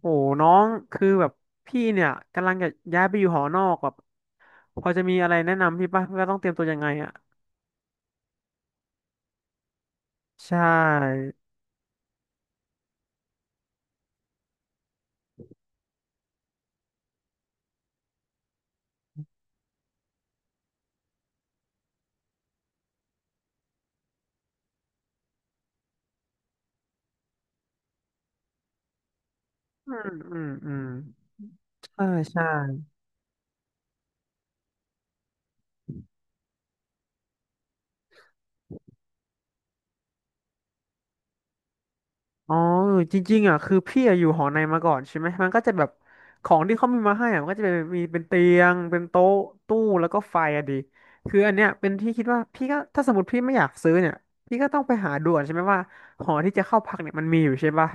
โอ้น้องคือแบบพี่เนี่ยกำลังจะย้ายไปอยู่หอนอกแบบพอจะมีอะไรแนะนำพี่ป่ะว่าต้องเตรียมตัวยังไงอ่ะใช่อืมใช่ใช่อ๋อเออจริงๆอ่ะคือพี่อะอยู่หอในมาก่อนใช่ไหมมันก็จะแบบของที่เขามีมาให้อ่ะมันก็จะเป็นมีเป็นเตียงเป็นโต๊ะตู้แล้วก็ไฟอะดีคืออันเนี้ยเป็นที่คิดว่าพี่ก็ถ้าสมมติพี่ไม่อยากซื้อเนี่ยพี่ก็ต้องไปหาดูก่อนใช่ไหมว่าหอที่จะเข้าพักเนี่ยมันมีอยู่ใช่ป่ะ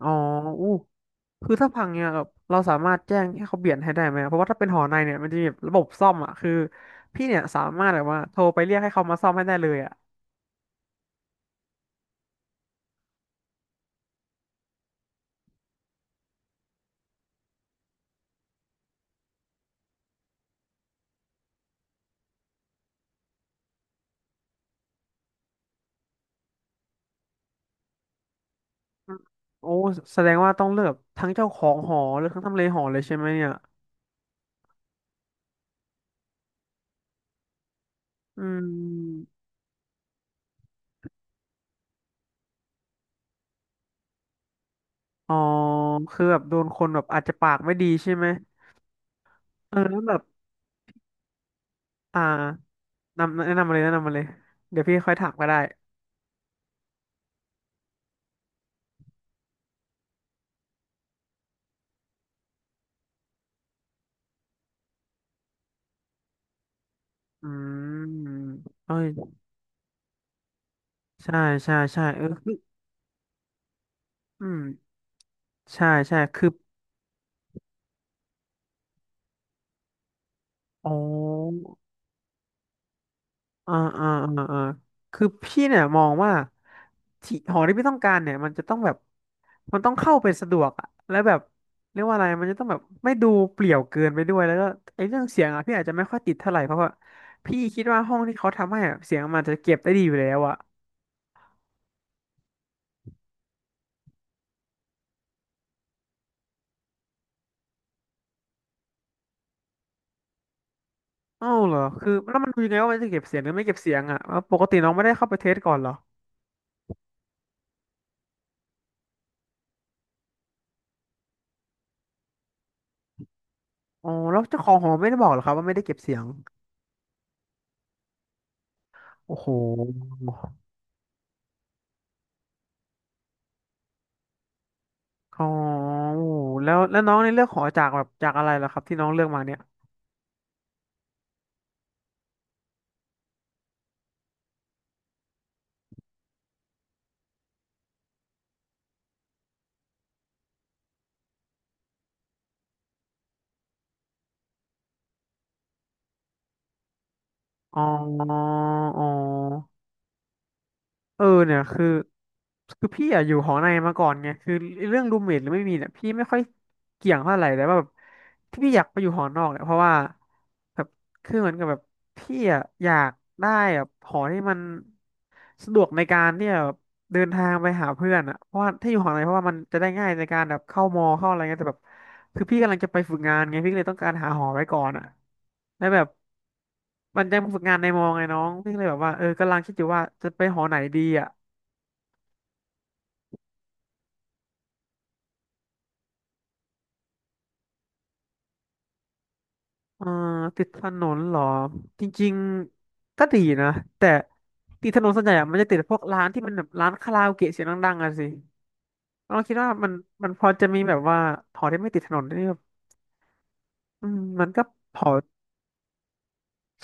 อ๋ออู้ คือถ้าพังเนี่ยแบบเราสามารถแจ้งให้เขาเปลี่ยนให้ได้ไหม เพราะว่าถ้าเป็นหอในเนี่ยมันจะมีแบบระบบซ่อมอ่ะ คือพี่เนี่ยสามารถแบบว่าโทรไปเรียกให้เขามาซ่อมให้ได้เลยอ่ะโอ้แสดงว่าต้องเลือกทั้งเจ้าของหอหรือทั้งทำเลหอเลยใช่ไหมเนี่ยอืมอ๋อคือแบบโดนคนแบบอาจจะปากไม่ดีใช่ไหมเออแล้วแบบอ่านำแนะนำมาเลยแนะนำมาเลยเดี๋ยวพี่ค่อยถามก็ได้อืมเอ้ยใช่ใช่เออคืออืมใช่คืออ๋อ อ่าอ่าอ่าคือพี่เนี่ยมองว่าที่หอที่พี่ต้องการเนี่ยมันจะต้องแบบมันต้องเข้าไปสะดวกอะแล้วแบบเรียกว่าอะไรมันจะต้องแบบไม่ดูเปลี่ยวเกินไปด้วยแล้วก็ไอ้เรื่องเสียงอะพี่อาจจะไม่ค่อยติดเท่าไหร่เพราะว่าพี่คิดว่าห้องที่เขาทำให้อะเสียงมันจะเก็บได้ดีอยู่แล้วอะเอ้าเหรอคือแล้วมันดูยังไงว่ามันจะเก็บเสียงหรือไม่เก็บเสียงอะแล้วปกติน้องไม่ได้เข้าไปเทสก่อนเหรออ๋อแล้วเจ้าของหอไม่ได้บอกเหรอครับว่าไม่ได้เก็บเสียงโอ้โห อ๋อโอ้แล้วแล้วน้องในเลือกหอจากแบบจากอะไรเหรอครับที่น้องเลือกมาเนี่ยอ๋ออ๋อ เออเนี่ยคือคือพี่อะอยู่หอในมาก่อนไงคือเรื่องรูมเมทหรือไม่มีเนี่ยพี่ไม่ค่อยเกี่ยงเท่าไหร่แต่ว่าแบบที่พี่อยากไปอยู่หอนอกเนี่ยเพราะว่าแบบคือเหมือนกับแบบพี่อะอยากได้แบบหอที่มันสะดวกในการที่จะแบบเดินทางไปหาเพื่อนอะเพราะว่าถ้าอยู่หอในเพราะว่ามันจะได้ง่ายในการแบบเข้ามอเข้าอะไรเงี้ยแต่แบบคือพี่กำลังจะไปฝึกงานไงพี่ก็เลยต้องการหาหอไว้ก่อนอะแล้วแบบมันจะฝึกงานในมอไงน้องพี่ก็เลยแบบว่าเออกำลังคิดอยู่ว่าจะไปหอไหนดีอ่ะ อ่าติดถนนเหรอจริงๆก็ดีนะแต่ติดถนนส่วนใหญ่อะมันจะติดพวกร้านที่มันแบบร้านคาราโอเกะเสียงดังๆอะสิเราคิดว่ามันมันพอจะมีแบบว่าหอที่ไม่ติดถนนนี่แบบอืมมันก็พอ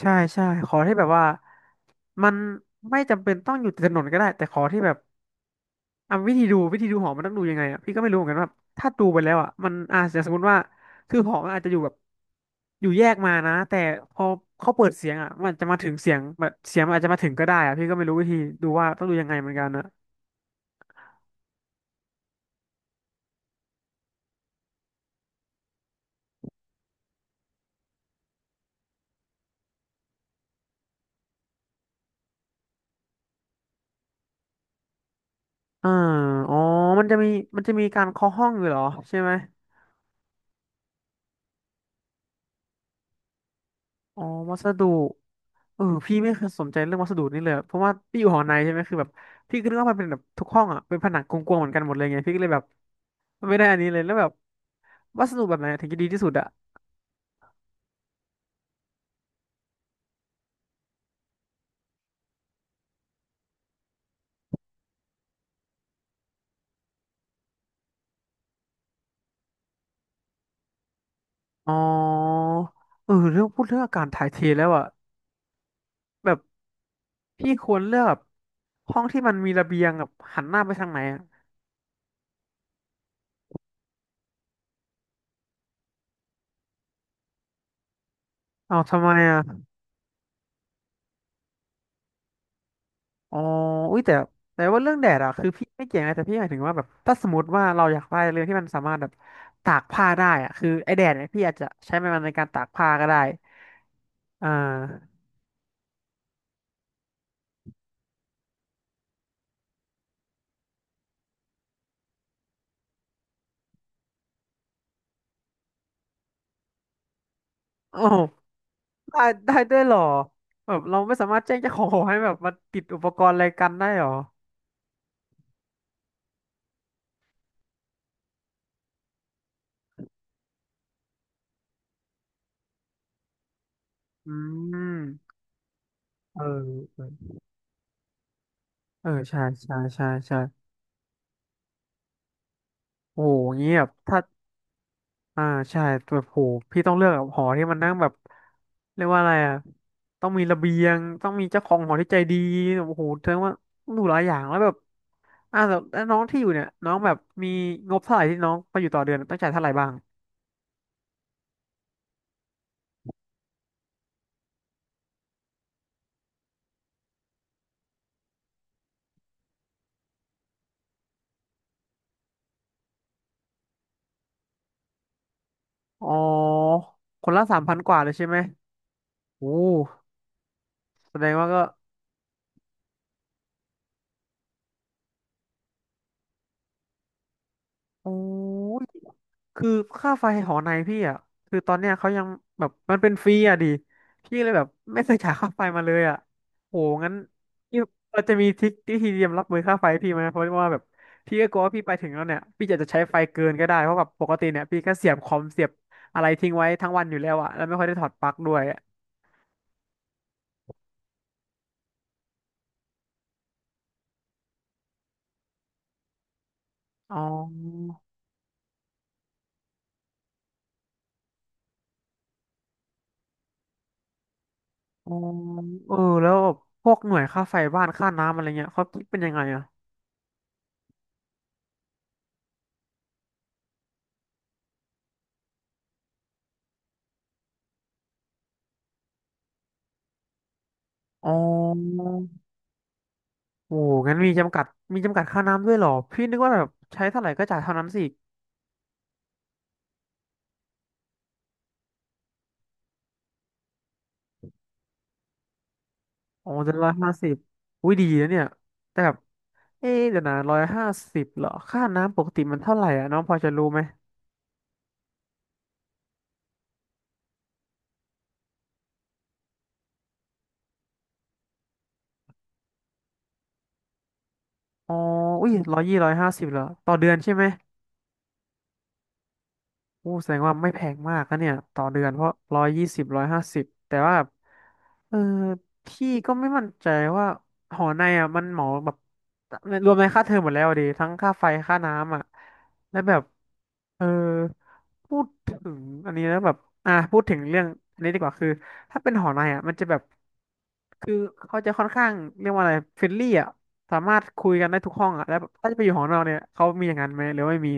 ใช่ขอที่แบบว่ามันไม่จำเป็นต้องอยู่ติดถนนก็ได้แต่ขอที่แบบ อ่ะวิธีดูหอมันต้องดูยังไงอ่ะพี่ก็ไม่รู้เหมือนกันว่าถ้าดูไปแล้วอ่ะมันอาจจะสมมติว่าคือหอมันอาจจะอยู่แบบอยู่แยกมานะแต่พอเขาเปิดเสียงอ่ะมันจะมาถึงเสียงแบบเสียงมันอาจจะมาถึงก็ได้อ่ะพี่ก็ไม่รู้วิธีดูว่าต้องดูยังไงเหมือนกันนะอ่าอ๋อมันจะมีมันจะมีการเคาะห้องอยู่เหรอใช่ไหมอ๋อวัสดุเออพี่ไม่เคยสนใจเรื่องวัสดุนี่เลยอะเพราะว่าพี่อยู่หอในใช่ไหมคือแบบพี่ก็นึกว่ามันเป็นแบบทุกห้องอ่ะเป็นผนังกลวงๆเหมือนกันหมดเลยไงพี่ก็เลยแบบไม่ได้อันนี้เลยแล้วแบบวัสดุแบบไหนถึงจะดีที่สุดอะ อ๋อเออเรื่องพูดเรื่องอากาศถ่ายเทแล้วอะแบบพี่ควรเลือกแบบห้องที่มันมีระเบียงแบบหันหน้าไปทางไหนอะเอาทำไมอ่ะอ๋ออุ้ยแต่ว่าเรื่องแดดอะคือพี่ไม่เกี่ยงนะแต่พี่หมายถึงว่าแบบถ้าสมมติว่าเราอยากได้เรื่องที่มันสามารถแบบตากผ้าได้อ่ะคือไอแดดเนี่ยพี่อาจจะใช้มันในการตากผ้าก็ได้อ่าโอ้ได้ได้ด้วยเหรอแบบเราไม่สามารถแจ้งเจ้าของหอให้แบบมาติดอุปกรณ์อะไรกันได้เหรออืมเออ เออใช่ใช่ใช่ใช่โอ้โหเงี้ยแบบถ้าอ่าใช่แบบโหพี่ต้องเลือกแบบหอที่มันนั่งแบบเรียกว่าอะไรอ่ะต้องมีระเบียงต้องมีเจ้าของหอที่ใจดีโอ้โหแสดงว่าต้องดูหลายอย่างแล้วแบบแต่แล้วน้องที่อยู่เนี่ยน้องแบบมีงบเท่าไหร่ที่น้องไปอยู่ต่อเดือนต้องจ่ายเท่าไหร่บ้างอ๋อคนละ3,000 กว่าเลยใช่ไหมโอ้แสดงว่าก็โอ้ คือค่าไฟหอในพี่อ่ะคือตอนเนี้ยเขายังแบบมันเป็นฟรีอ่ะดิพี่เลยแบบไม่เคยจ่ายค่าไฟมาเลยอ่ะโหงั้นพี่เราจะมีทริคที่ทีเตรียมรับมือค่าไฟพี่ไหมเพราะว่าแบบพี่ก็กลัวว่าพี่ไปถึงแล้วเนี่ยพี่จะใช้ไฟเกินก็ได้เพราะแบบปกติเนี่ยพี่ก็เสียบคอมเสียบอะไรทิ้งไว้ทั้งวันอยู่แล้วอ่ะแล้วไม่ค่อยได้ถอดปลั๊กด้วยอะอ๋ออ๋อเออแล้วพวกหน่วยค่าไฟบ้านค่าน้ำอะไรเงี้ยเขาคิดเป็นยังไงอ่ะอ๋อ โอ้งั้นมีจำกัด มีจำกัดค่าน้ำด้วยเหรอ พี่นึกว่าแบบใช้เท่าไหร่ก็จ่ายเท่านั้นสิโอ้เดือนละห้าสิบอุ้ยดีนะเนี่ย แต่แบบ เอ๊ะเดี๋ยวนะ150เหรอค่าน้ำปกติมันเท่าไหร่อ่ะน้องพอจะรู้ไหม อ๋ออุ้ยร้อยยี่ร้อยห้าสิบเหรอ ต่อเดือนใช่ไหม โอ้แสดงว่าไม่แพงมากนะเนี่ยต่อเดือนเพราะ120ร้อยห้าสิบแต่ว่าแบบเออพี่ก็ไม่มั่นใจว่าหอในอ่ะมันเหมาแบบรวมในค่าเทอมหมดแล้วอะดิทั้งค่าไฟค่าน้ำอ่ะแล้วแบบเออพูดถึงอันนี้แล้วแบบอ่ะพูดถึงเรื่องอันนี้ดีกว่าคือถ้าเป็นหอในอ่ะมันจะแบบคือเขาจะค่อนข้างเรียกว่าอะไรเฟรนลี่อ่ะสามารถคุยกันได้ทุกห้องอ่ะแล้วแบบถ้าจะไปอยู่หอนอกเนี่ยเขามีอย่างนั้นไหมหรือว่าไม่มี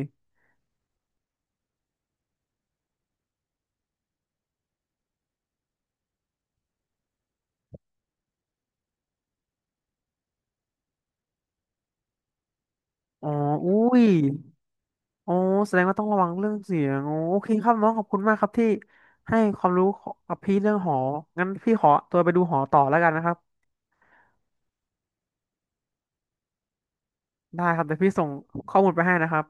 อ๋ออุ้ย โอ้แสดงว่าต้องระวังเรื่องเสียงโอ้โอเคครับน้องขอบคุณมากครับที่ให้ความรู้กับพี่เรื่องหองั้นพี่ขอตัวไปดูหอต่อแล้วกันนะครับได้ครับเดี๋ยวพี่ส่งข้อมูลไปให้นะครับ